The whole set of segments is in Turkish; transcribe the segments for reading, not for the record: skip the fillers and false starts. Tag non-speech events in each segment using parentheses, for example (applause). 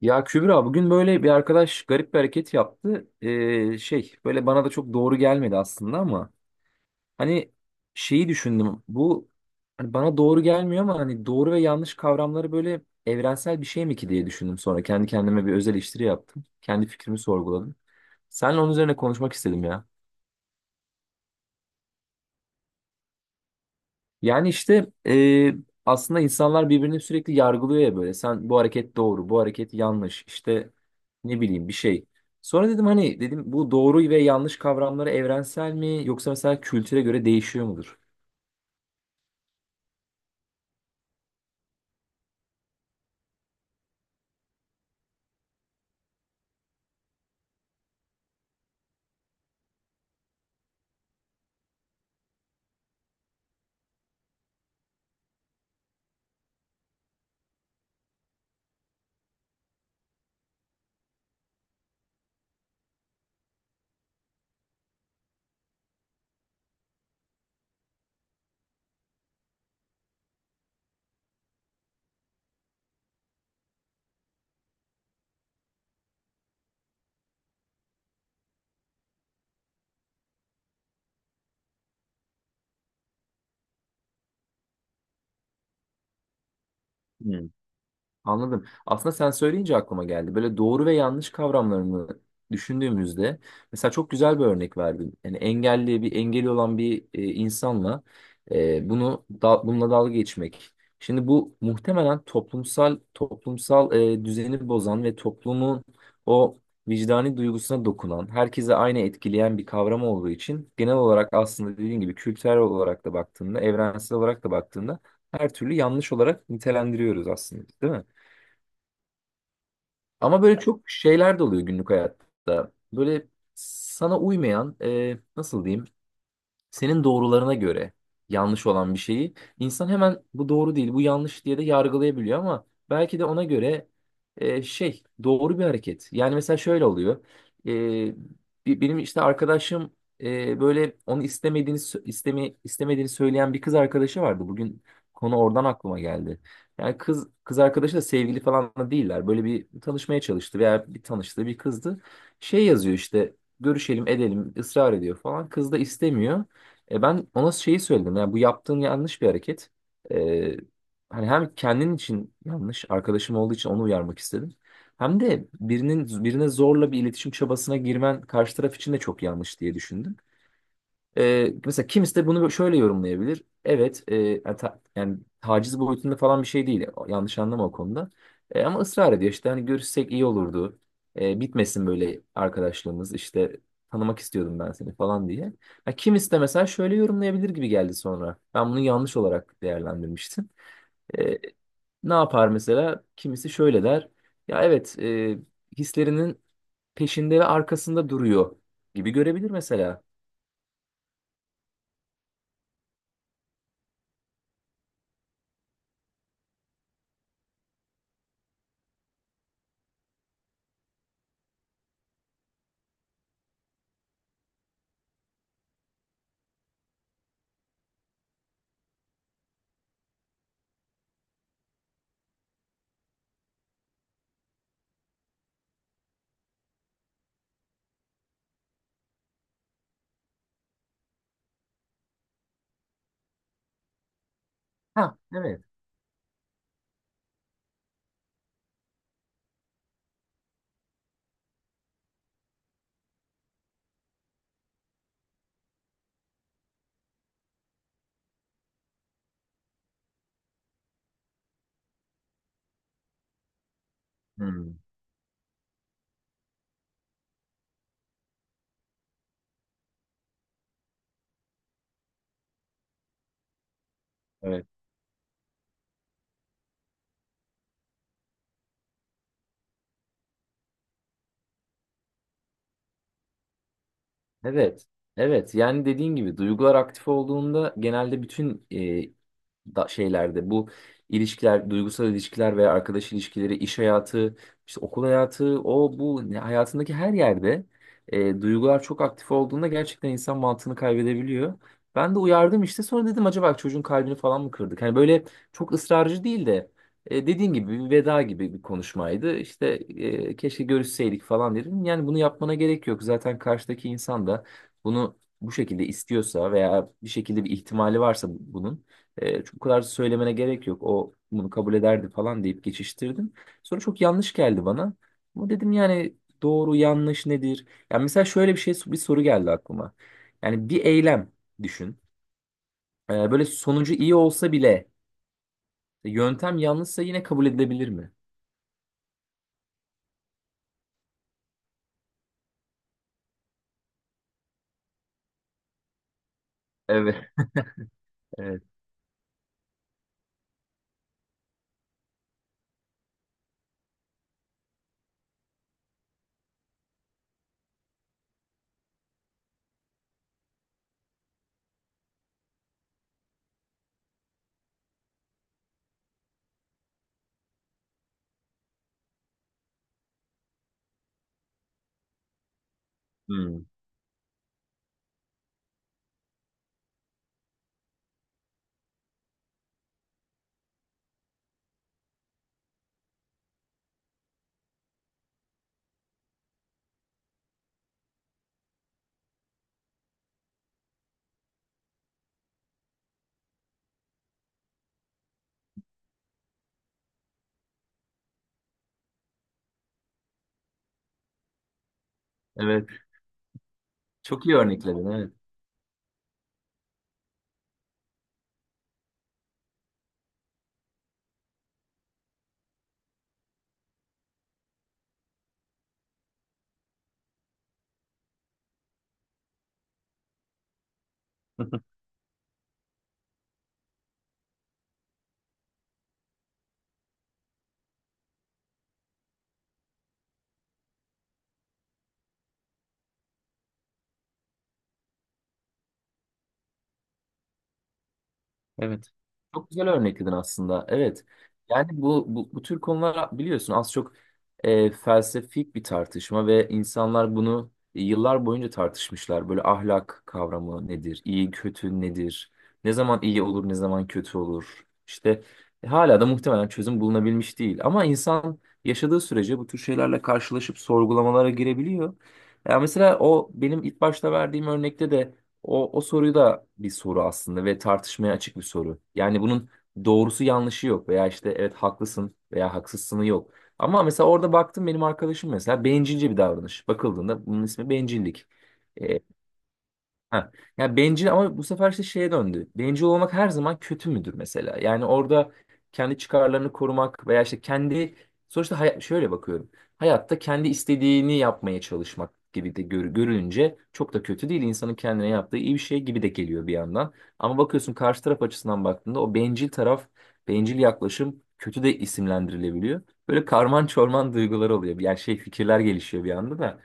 Ya Kübra bugün böyle bir arkadaş garip bir hareket yaptı. Şey, böyle bana da çok doğru gelmedi aslında ama hani şeyi düşündüm. Bu, hani bana doğru gelmiyor ama hani doğru ve yanlış kavramları böyle evrensel bir şey mi ki diye düşündüm sonra. Kendi kendime bir öz eleştiri yaptım. Kendi fikrimi sorguladım. Seninle onun üzerine konuşmak istedim ya. Yani işte aslında insanlar birbirini sürekli yargılıyor ya böyle. Sen bu hareket doğru, bu hareket yanlış. İşte ne bileyim bir şey. Sonra dedim hani dedim bu doğru ve yanlış kavramları evrensel mi yoksa mesela kültüre göre değişiyor mudur? Hmm. Anladım. Aslında sen söyleyince aklıma geldi. Böyle doğru ve yanlış kavramlarını düşündüğümüzde mesela çok güzel bir örnek verdin. Yani engelli bir engeli olan bir insanla, bunu da, bununla dalga geçmek. Şimdi bu muhtemelen toplumsal düzeni bozan ve toplumun o vicdani duygusuna dokunan, herkese aynı etkileyen bir kavram olduğu için genel olarak aslında dediğin gibi kültürel olarak da baktığında, evrensel olarak da baktığında her türlü yanlış olarak nitelendiriyoruz aslında, değil mi? Ama böyle çok şeyler de oluyor günlük hayatta. Böyle sana uymayan, nasıl diyeyim, senin doğrularına göre yanlış olan bir şeyi insan hemen bu doğru değil, bu yanlış diye de yargılayabiliyor ama belki de ona göre şey doğru bir hareket. Yani mesela şöyle oluyor. E, Benim işte arkadaşım, böyle onu istemediğini söyleyen bir kız arkadaşı vardı. Bugün konu oradan aklıma geldi. Yani kız arkadaşı da sevgili falan da değiller. Böyle bir tanışmaya çalıştı veya bir tanıştığı bir kızdı. Şey, yazıyor işte görüşelim edelim, ısrar ediyor falan. Kız da istemiyor. E, ben ona şeyi söyledim. Yani bu yaptığın yanlış bir hareket. E, Hani hem kendin için yanlış, arkadaşım olduğu için onu uyarmak istedim. Hem de birinin birine zorla bir iletişim çabasına girmen karşı taraf için de çok yanlış diye düşündüm. Mesela kimisi de bunu şöyle yorumlayabilir. Evet, yani taciz boyutunda falan bir şey değil. Yanlış anlama o konuda. Ama ısrar ediyor işte hani görüşsek iyi olurdu. E, bitmesin böyle arkadaşlığımız işte, tanımak istiyordum ben seni falan diye. Ha, kimisi de mesela şöyle yorumlayabilir gibi geldi sonra. Ben bunu yanlış olarak değerlendirmiştim. E, Ne yapar mesela? Kimisi şöyle der. Ya evet, hislerinin peşinde ve arkasında duruyor gibi görebilir mesela. Ha, evet. Hmm. Evet. Evet. Evet. Yani dediğin gibi duygular aktif olduğunda genelde bütün şeylerde bu ilişkiler, duygusal ilişkiler veya arkadaş ilişkileri, iş hayatı, işte okul hayatı, o bu hayatındaki her yerde duygular çok aktif olduğunda gerçekten insan mantığını kaybedebiliyor. Ben de uyardım işte sonra dedim acaba çocuğun kalbini falan mı kırdık? Hani böyle çok ısrarcı değil de, dediğin gibi bir veda gibi bir konuşmaydı. İşte keşke görüşseydik falan dedim. Yani bunu yapmana gerek yok. Zaten karşıdaki insan da bunu bu şekilde istiyorsa veya bir şekilde bir ihtimali varsa bunun çok kadar söylemene gerek yok. O bunu kabul ederdi falan deyip geçiştirdim. Sonra çok yanlış geldi bana. Ama dedim yani doğru yanlış nedir? Yani mesela şöyle bir şey, bir soru geldi aklıma. Yani bir eylem düşün. Böyle sonucu iyi olsa bile yöntem yanlışsa yine kabul edilebilir mi? Evet. Evet. Hmm. Evet. Çok iyi örnekledin. Evet. (laughs) Evet. Çok güzel örnekledin aslında. Evet. Yani bu tür konular biliyorsun az çok felsefik bir tartışma ve insanlar bunu yıllar boyunca tartışmışlar. Böyle ahlak kavramı nedir? İyi kötü nedir? Ne zaman iyi olur, ne zaman kötü olur? İşte hala da muhtemelen çözüm bulunabilmiş değil. Ama insan yaşadığı sürece bu tür şeylerle karşılaşıp sorgulamalara girebiliyor. Ya mesela o benim ilk başta verdiğim örnekte de o soruyu da bir soru aslında ve tartışmaya açık bir soru. Yani bunun doğrusu yanlışı yok veya işte evet haklısın veya haksızsını yok. Ama mesela orada baktım benim arkadaşım mesela bencilce bir davranış. Bakıldığında bunun ismi bencillik. Ha. Ya bencil ama bu sefer işte şeye döndü. Bencil olmak her zaman kötü müdür mesela? Yani orada kendi çıkarlarını korumak veya işte kendi, sonuçta hayat, şöyle bakıyorum. Hayatta kendi istediğini yapmaya çalışmak gibi de görülünce çok da kötü değil. İnsanın kendine yaptığı iyi bir şey gibi de geliyor bir yandan. Ama bakıyorsun karşı taraf açısından baktığında o bencil taraf, bencil yaklaşım kötü de isimlendirilebiliyor. Böyle karman çorman duygular oluyor. Yani şey, fikirler gelişiyor bir anda da.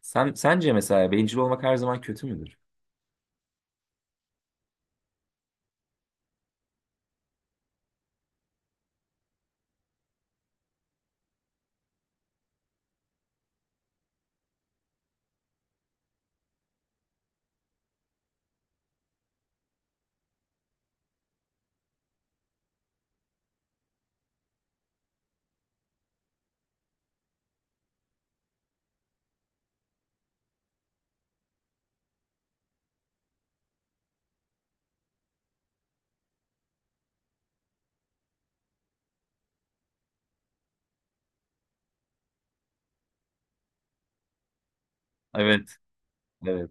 Sence mesela bencil olmak her zaman kötü müdür? Evet, evet.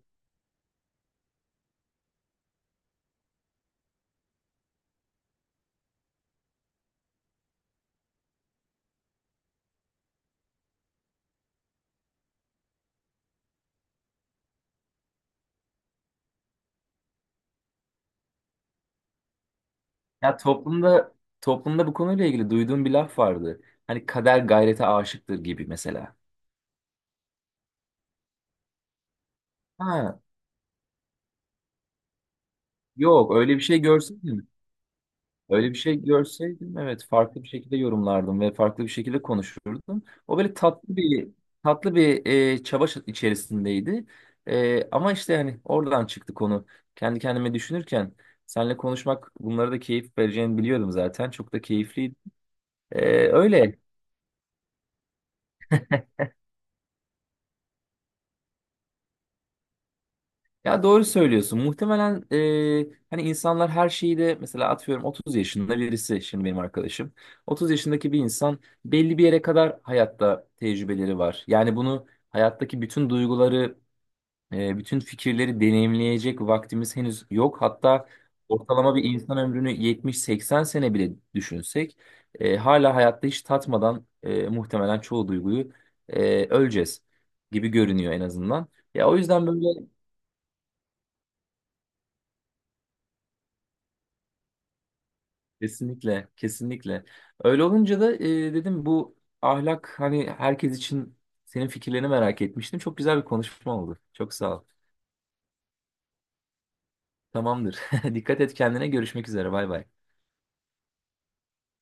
Ya toplumda bu konuyla ilgili duyduğum bir laf vardı. Hani kader gayrete aşıktır gibi mesela. Ha, yok öyle bir şey görseydim. Öyle bir şey görseydim evet farklı bir şekilde yorumlardım ve farklı bir şekilde konuşurdum. O böyle tatlı bir çaba içerisindeydi. Ama işte hani oradan çıktı konu. Kendi kendime düşünürken seninle konuşmak bunlara da keyif vereceğini biliyordum zaten. Çok da keyifliydi. E, öyle. Ya doğru söylüyorsun. Muhtemelen hani insanlar her şeyi de mesela atıyorum 30 yaşında birisi şimdi benim arkadaşım. 30 yaşındaki bir insan belli bir yere kadar hayatta tecrübeleri var. Yani bunu hayattaki bütün duyguları, bütün fikirleri deneyimleyecek vaktimiz henüz yok. Hatta ortalama bir insan ömrünü 70-80 sene bile düşünsek hala hayatta hiç tatmadan muhtemelen çoğu duyguyu öleceğiz gibi görünüyor en azından. Ya o yüzden böyle, kesinlikle, kesinlikle. Öyle olunca da dedim bu ahlak hani herkes için senin fikirlerini merak etmiştim. Çok güzel bir konuşma oldu. Çok sağ ol. Tamamdır. (laughs) Dikkat et kendine. Görüşmek üzere. Bay bay.